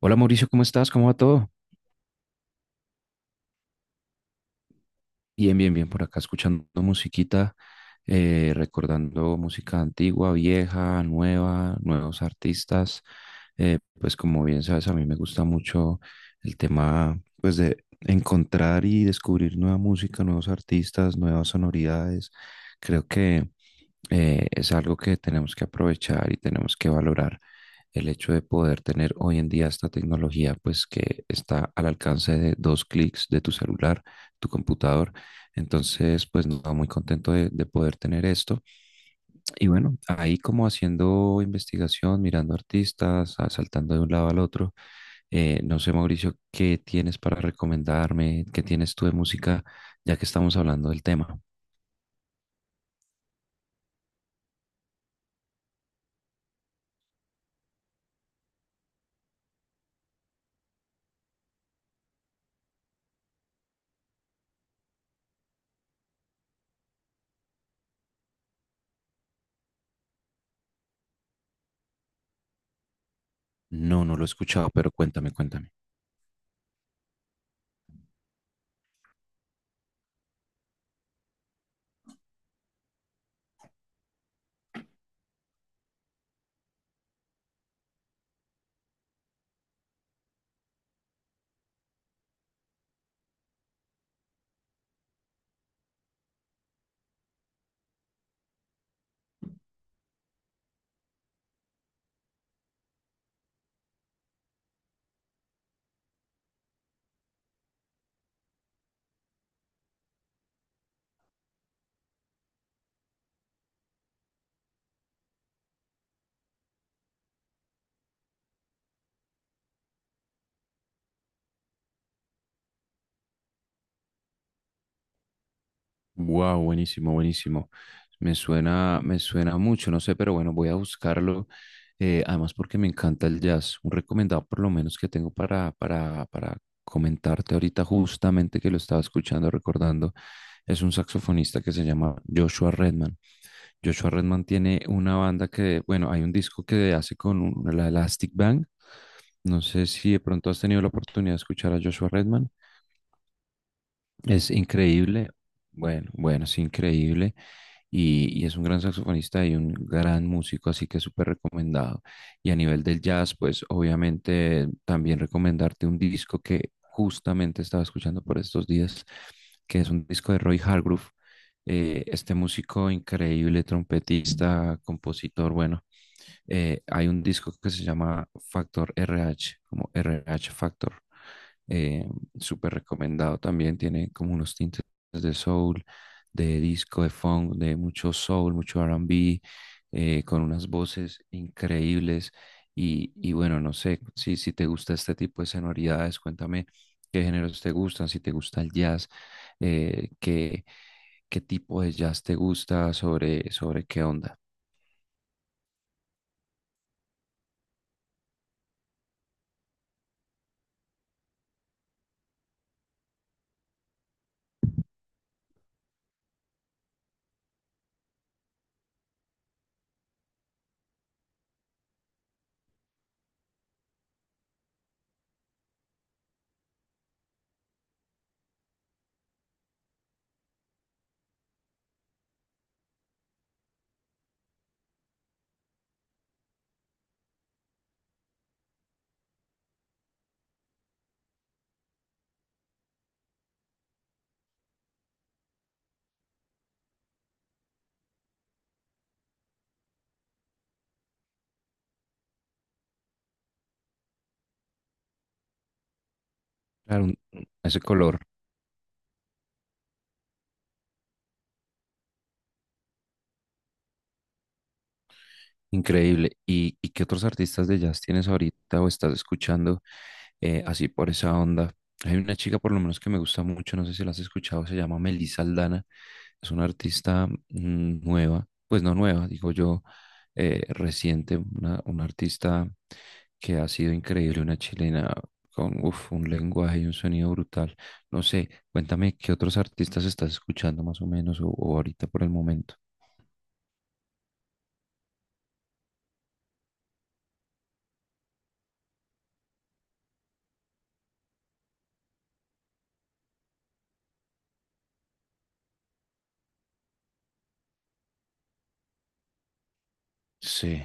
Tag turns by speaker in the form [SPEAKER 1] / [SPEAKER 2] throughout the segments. [SPEAKER 1] Hola Mauricio, ¿cómo estás? ¿Cómo va todo? Bien, bien, bien, por acá escuchando musiquita, recordando música antigua, vieja, nueva, nuevos artistas. Pues como bien sabes, a mí me gusta mucho el tema pues de encontrar y descubrir nueva música, nuevos artistas, nuevas sonoridades. Creo que es algo que tenemos que aprovechar y tenemos que valorar el hecho de poder tener hoy en día esta tecnología, pues que está al alcance de dos clics de tu celular, tu computador. Entonces, pues no, muy contento de poder tener esto. Y bueno, ahí como haciendo investigación, mirando artistas, ah, saltando de un lado al otro. No sé, Mauricio, ¿qué tienes para recomendarme? ¿Qué tienes tú de música, ya que estamos hablando del tema? No, no lo he escuchado, pero cuéntame, cuéntame. Wow, buenísimo, buenísimo. Me suena mucho, no sé, pero bueno, voy a buscarlo. Además, porque me encanta el jazz. Un recomendado por lo menos que tengo para comentarte ahorita, justamente que lo estaba escuchando, recordando, es un saxofonista que se llama Joshua Redman. Joshua Redman tiene una banda que, bueno, hay un disco que hace con la Elastic Band. No sé si de pronto has tenido la oportunidad de escuchar a Joshua Redman. Es increíble, bueno, bueno, es increíble y es un gran saxofonista y un gran músico, así que súper recomendado. Y a nivel del jazz, pues obviamente también recomendarte un disco que justamente estaba escuchando por estos días, que es un disco de Roy Hargrove, este músico increíble, trompetista, compositor, bueno, hay un disco que se llama Factor RH, como RH Factor. Eh, súper recomendado también, tiene como unos tintes de soul, de disco, de funk, de mucho soul, mucho R&B, con unas voces increíbles. Y bueno, no sé, si te gusta este tipo de sonoridades, cuéntame qué géneros te gustan, si te gusta el jazz, eh, qué, qué tipo de jazz te gusta, sobre qué onda. Claro, ese color. Increíble. ¿Y qué otros artistas de jazz tienes ahorita o estás escuchando, así por esa onda? Hay una chica por lo menos que me gusta mucho, no sé si la has escuchado, se llama Melissa Aldana. Es una artista nueva, pues no nueva, digo yo, reciente, una artista que ha sido increíble, una chilena con un lenguaje y un sonido brutal. No sé, cuéntame qué otros artistas estás escuchando más o menos o ahorita por el momento. Sí,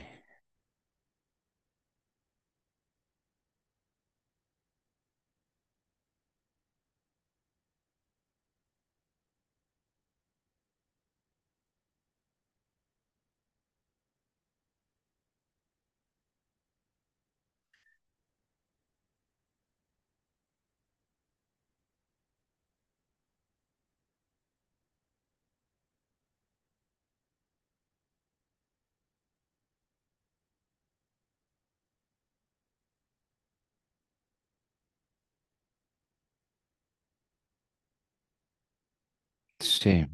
[SPEAKER 1] sí.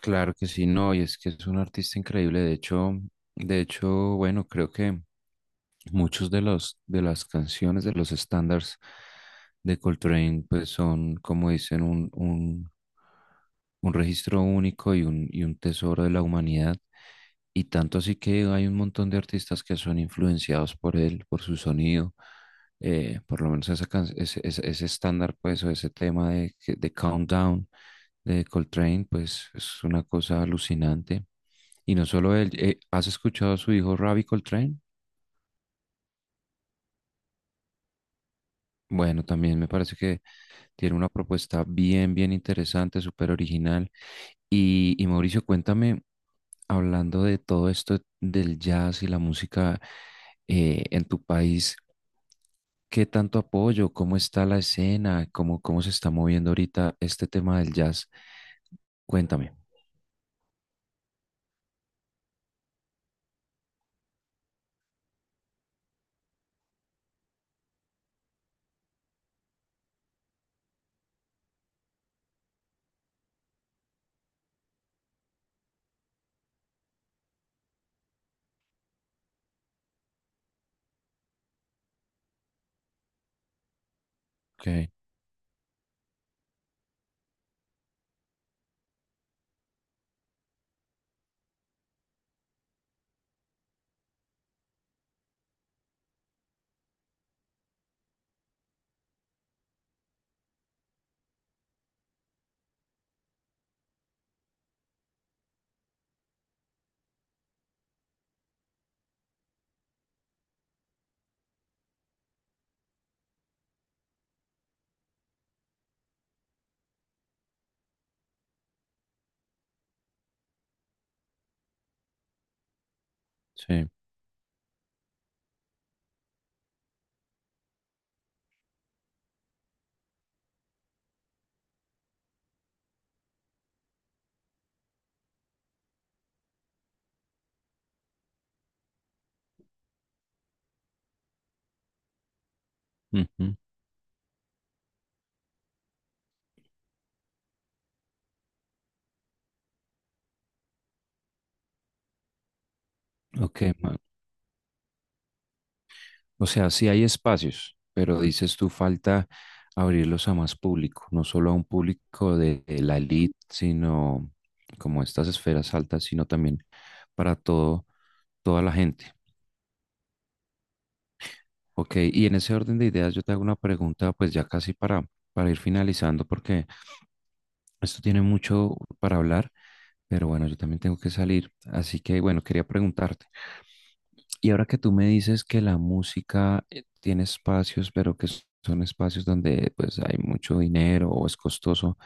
[SPEAKER 1] Claro que sí, no, y es que es un artista increíble. De hecho, bueno, creo que muchos de los de las canciones de los estándares de Coltrane pues son como dicen un registro único y un tesoro de la humanidad, y tanto así que hay un montón de artistas que son influenciados por él, por su sonido, por lo menos ese estándar pues o ese tema de Countdown de Coltrane pues es una cosa alucinante, y no solo él. ¿Has escuchado a su hijo Ravi Coltrane? Bueno, también me parece que tiene una propuesta bien, bien interesante, súper original. Y Mauricio, cuéntame, hablando de todo esto del jazz y la música, en tu país, ¿qué tanto apoyo? ¿Cómo está la escena? ¿Cómo se está moviendo ahorita este tema del jazz? Cuéntame. Ok, sí. Ujú. Ok, o sea, sí hay espacios, pero dices tú falta abrirlos a más público, no solo a un público de la elite, sino como estas esferas altas, sino también para todo, toda la gente. Ok, y en ese orden de ideas yo te hago una pregunta, pues ya casi para, ir finalizando, porque esto tiene mucho para hablar, pero bueno, yo también tengo que salir. Así que bueno, quería preguntarte. Y ahora que tú me dices que la música, tiene espacios, pero que son espacios donde pues hay mucho dinero o es costoso,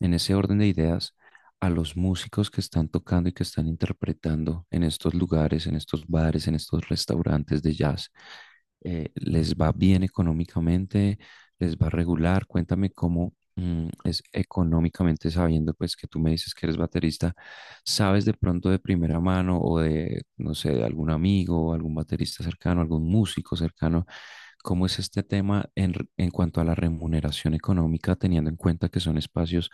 [SPEAKER 1] en ese orden de ideas, a los músicos que están tocando y que están interpretando en estos lugares, en estos bares, en estos restaurantes de jazz, ¿Les va bien económicamente? ¿Les va regular? Cuéntame cómo es económicamente, sabiendo, pues, que tú me dices que eres baterista, ¿sabes de pronto de primera mano o de, no sé, de algún amigo, algún baterista cercano, algún músico cercano? ¿Cómo es este tema en cuanto a la remuneración económica, teniendo en cuenta que son espacios,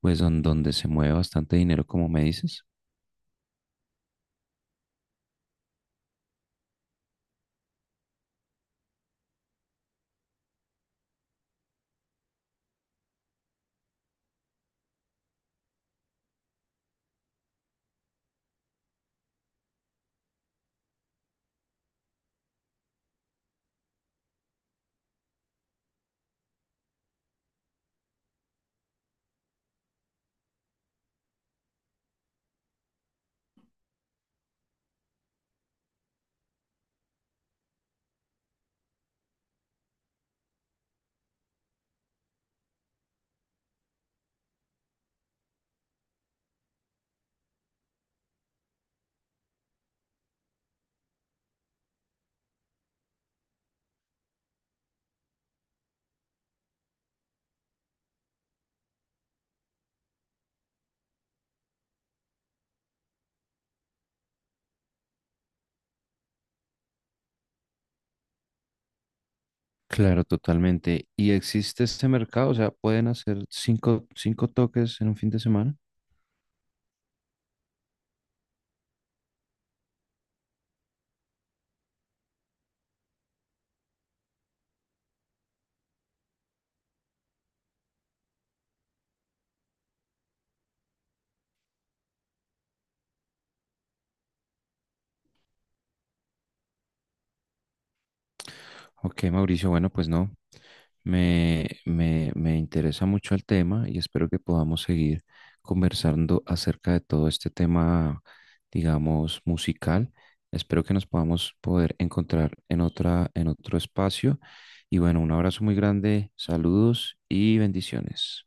[SPEAKER 1] pues, donde se mueve bastante dinero, como me dices? Claro, totalmente. ¿Y existe este mercado? O sea, ¿pueden hacer cinco toques en un fin de semana? Ok, Mauricio, bueno, pues no, me interesa mucho el tema y espero que podamos seguir conversando acerca de todo este tema, digamos, musical. Espero que nos podamos poder encontrar en otra, en otro espacio. Y bueno, un abrazo muy grande, saludos y bendiciones.